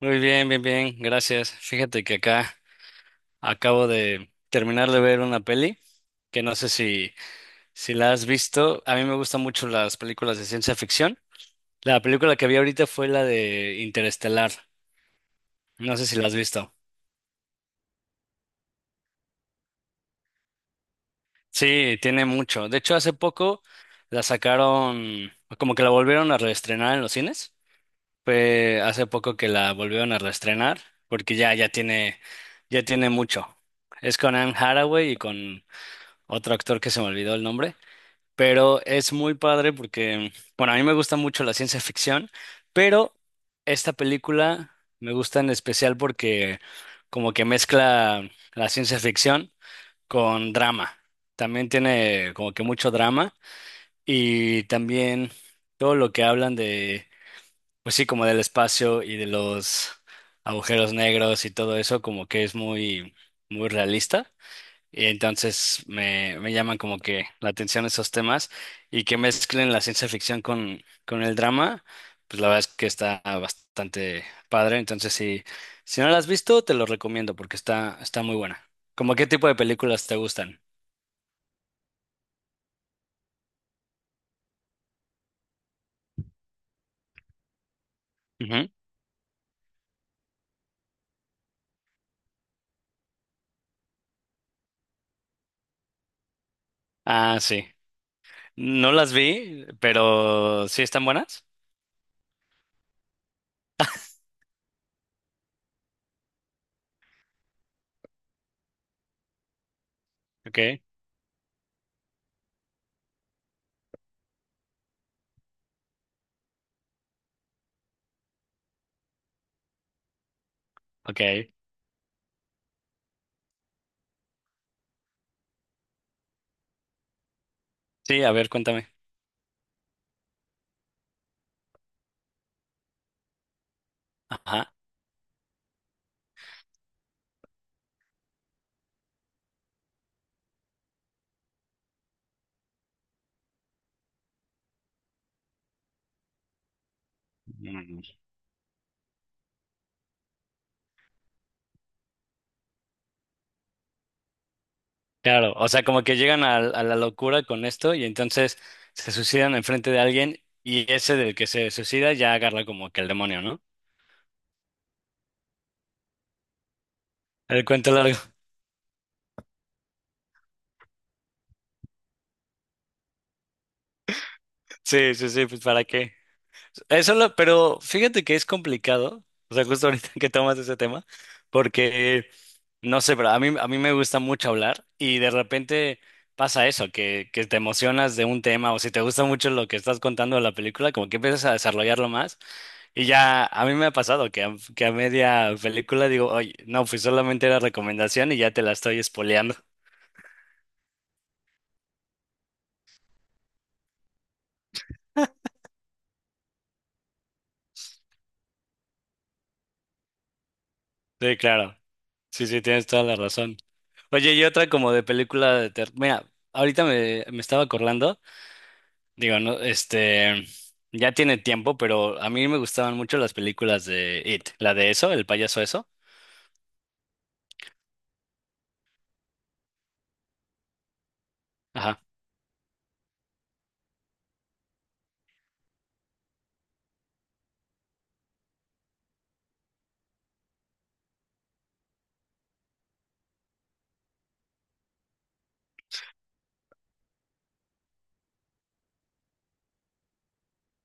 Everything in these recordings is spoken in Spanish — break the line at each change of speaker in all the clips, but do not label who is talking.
Muy bien, bien, bien, gracias. Fíjate que acá acabo de terminar de ver una peli que no sé si la has visto. A mí me gustan mucho las películas de ciencia ficción. La película que vi ahorita fue la de Interestelar. No sé si la has visto. Sí, tiene mucho. De hecho, hace poco la sacaron, como que la volvieron a reestrenar en los cines. Fue hace poco que la volvieron a reestrenar porque ya tiene mucho. Es con Anne Hathaway y con otro actor que se me olvidó el nombre, pero es muy padre porque, bueno, a mí me gusta mucho la ciencia ficción, pero esta película me gusta en especial porque como que mezcla la ciencia ficción con drama. También tiene como que mucho drama y también todo lo que hablan de, pues sí, como del espacio y de los agujeros negros y todo eso, como que es muy, muy realista. Y entonces me llaman como que la atención esos temas y que mezclen la ciencia ficción con el drama, pues la verdad es que está bastante padre. Entonces, si no la has visto, te lo recomiendo porque está muy buena. ¿Cómo qué tipo de películas te gustan? Ujú. Ah, sí. No las vi, pero sí están buenas. Ok, ok. Sí, a ver, cuéntame. Ajá. Claro, o sea, como que llegan a la locura con esto y entonces se suicidan enfrente de alguien y ese del que se suicida ya agarra como que el demonio, ¿no? El cuento largo. Sí, sí, sí, pues ¿para qué? Eso lo, pero fíjate que es complicado, o sea, justo ahorita que tomas ese tema, porque no sé, pero a mí me gusta mucho hablar y de repente pasa eso, que te emocionas de un tema o si te gusta mucho lo que estás contando de la película, como que empiezas a desarrollarlo más y ya a mí me ha pasado que a media película digo, oye, no, pues solamente era recomendación y ya te la estoy spoileando. Sí, claro, sí, sí, tienes toda la razón. Oye, y otra como de película de terror, mira, ahorita me estaba acordando. Digo, no, ya tiene tiempo, pero a mí me gustaban mucho las películas de It, la de eso, el payaso eso. Ajá,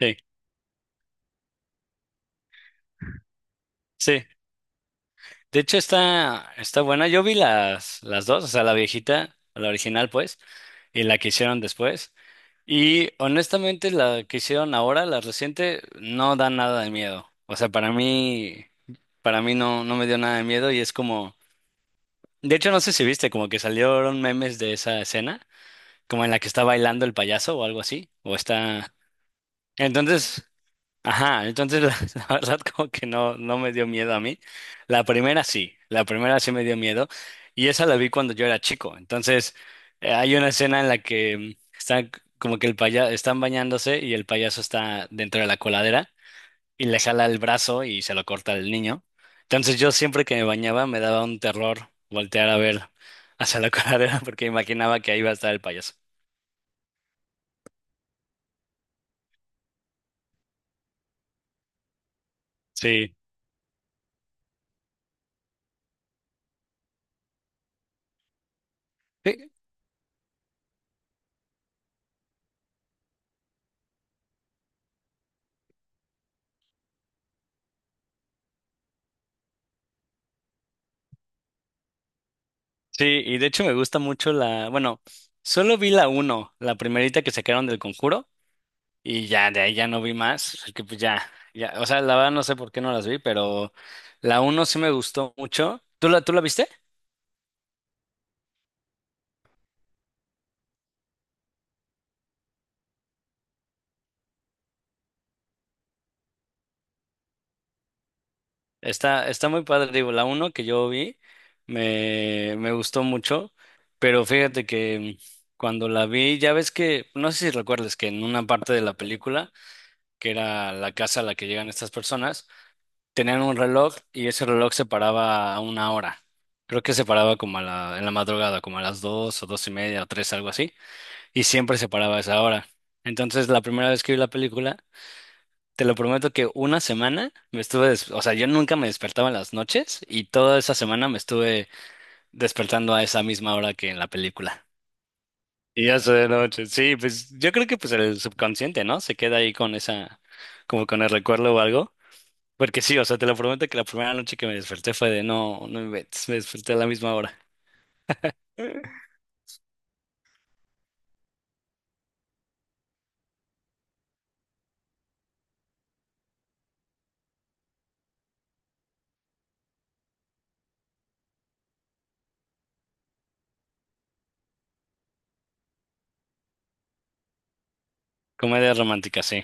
sí, sí. De hecho está buena. Yo vi las dos, o sea, la viejita, la original, pues, y la que hicieron después. Y honestamente, la que hicieron ahora, la reciente, no da nada de miedo. O sea, para mí no, no me dio nada de miedo y es como, de hecho, no sé si viste, como que salieron memes de esa escena. Como en la que está bailando el payaso o algo así, o está... Entonces, ajá, entonces la, la verdad como que no, no me dio miedo a mí. La primera sí me dio miedo y esa la vi cuando yo era chico. Entonces, hay una escena en la que están como que el paya están bañándose y el payaso está dentro de la coladera y le jala el brazo y se lo corta el niño. Entonces yo siempre que me bañaba me daba un terror voltear a ver hacia la coladera porque imaginaba que ahí iba a estar el payaso. Sí. Sí, y de hecho me gusta mucho la, bueno, solo vi la uno, la primerita que sacaron del Conjuro, y ya de ahí ya no vi más, así que pues ya, ya, o sea, la verdad no sé por qué no las vi, pero la uno sí me gustó mucho. ¿Tú la viste? Está muy padre, digo, la uno que yo vi me gustó mucho, pero fíjate que cuando la vi, ya ves que, no sé si recuerdas que en una parte de la película, que era la casa a la que llegan estas personas, tenían un reloj y ese reloj se paraba a una hora. Creo que se paraba como a la, en la madrugada, como a las dos o dos y media o tres, algo así. Y siempre se paraba a esa hora. Entonces, la primera vez que vi la película, te lo prometo que una semana me estuve, o sea, yo nunca me despertaba en las noches y toda esa semana me estuve despertando a esa misma hora que en la película. Y ya soy de noche. Sí, pues yo creo que pues el subconsciente, ¿no? Se queda ahí con esa, como con el recuerdo o algo. Porque sí, o sea, te lo prometo que la primera noche que me desperté fue de no, no inventes, me desperté a la misma hora. Comedia romántica, sí.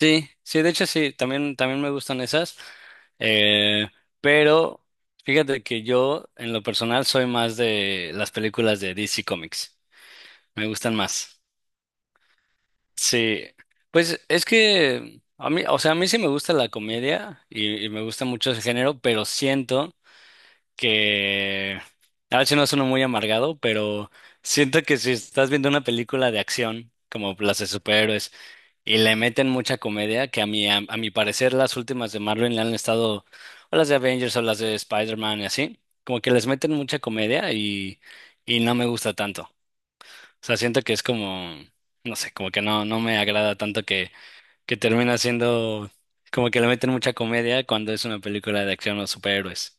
Sí, sí, de hecho sí, también me gustan esas. Eh, pero fíjate que yo, en lo personal, soy más de las películas de DC Comics. Me gustan más. Sí, pues es que a mí, o sea, a mí sí me gusta la comedia y me gusta mucho ese género, pero siento que a ver si no suena muy amargado, pero siento que si estás viendo una película de acción, como las de superhéroes, y le meten mucha comedia, que a mi parecer las últimas de Marvel le han estado, o las de Avengers o las de Spider-Man y así, como que les meten mucha comedia y no me gusta tanto. O sea, siento que es como, no sé, como que no, no me agrada tanto que termina siendo como que le meten mucha comedia cuando es una película de acción o superhéroes.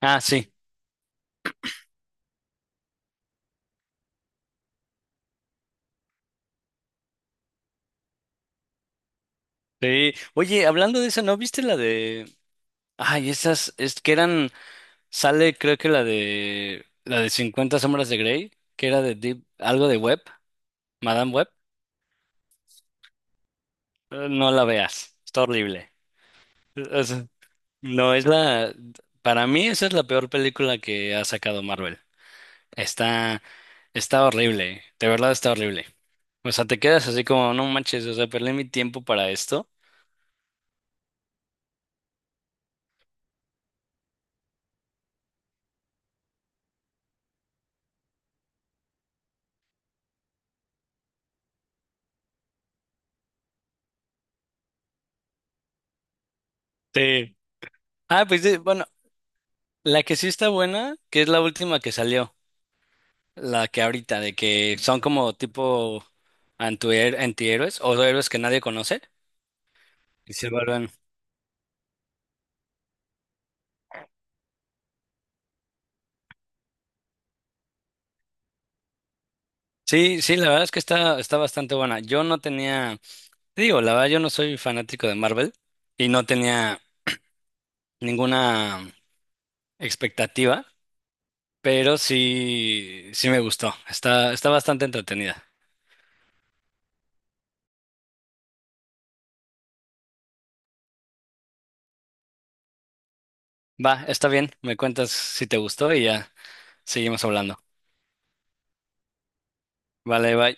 Ah, sí. Sí. Oye, hablando de esa, ¿no viste la de... Ay, esas, es que eran, sale creo que la de 50 sombras de Grey, que era de Deep, algo de Web, Madame Web. No la veas, está horrible. O sea, no, para mí esa es la peor película que ha sacado Marvel. Está, está horrible, de verdad está horrible. O sea, te quedas así como, no manches, o sea, perdí mi tiempo para esto. Sí. Ah, pues sí, bueno, la que sí está buena, que es la última que salió. La que ahorita, de que son como tipo antihéroes o héroes que nadie conoce y se vuelven. Sí, sí, la verdad es que está bastante buena. Yo no tenía, te digo, la verdad yo no soy fanático de Marvel y no tenía ninguna expectativa, pero sí, sí me gustó. Está bastante entretenida. Va, está bien, me cuentas si te gustó y ya seguimos hablando. Vale, bye.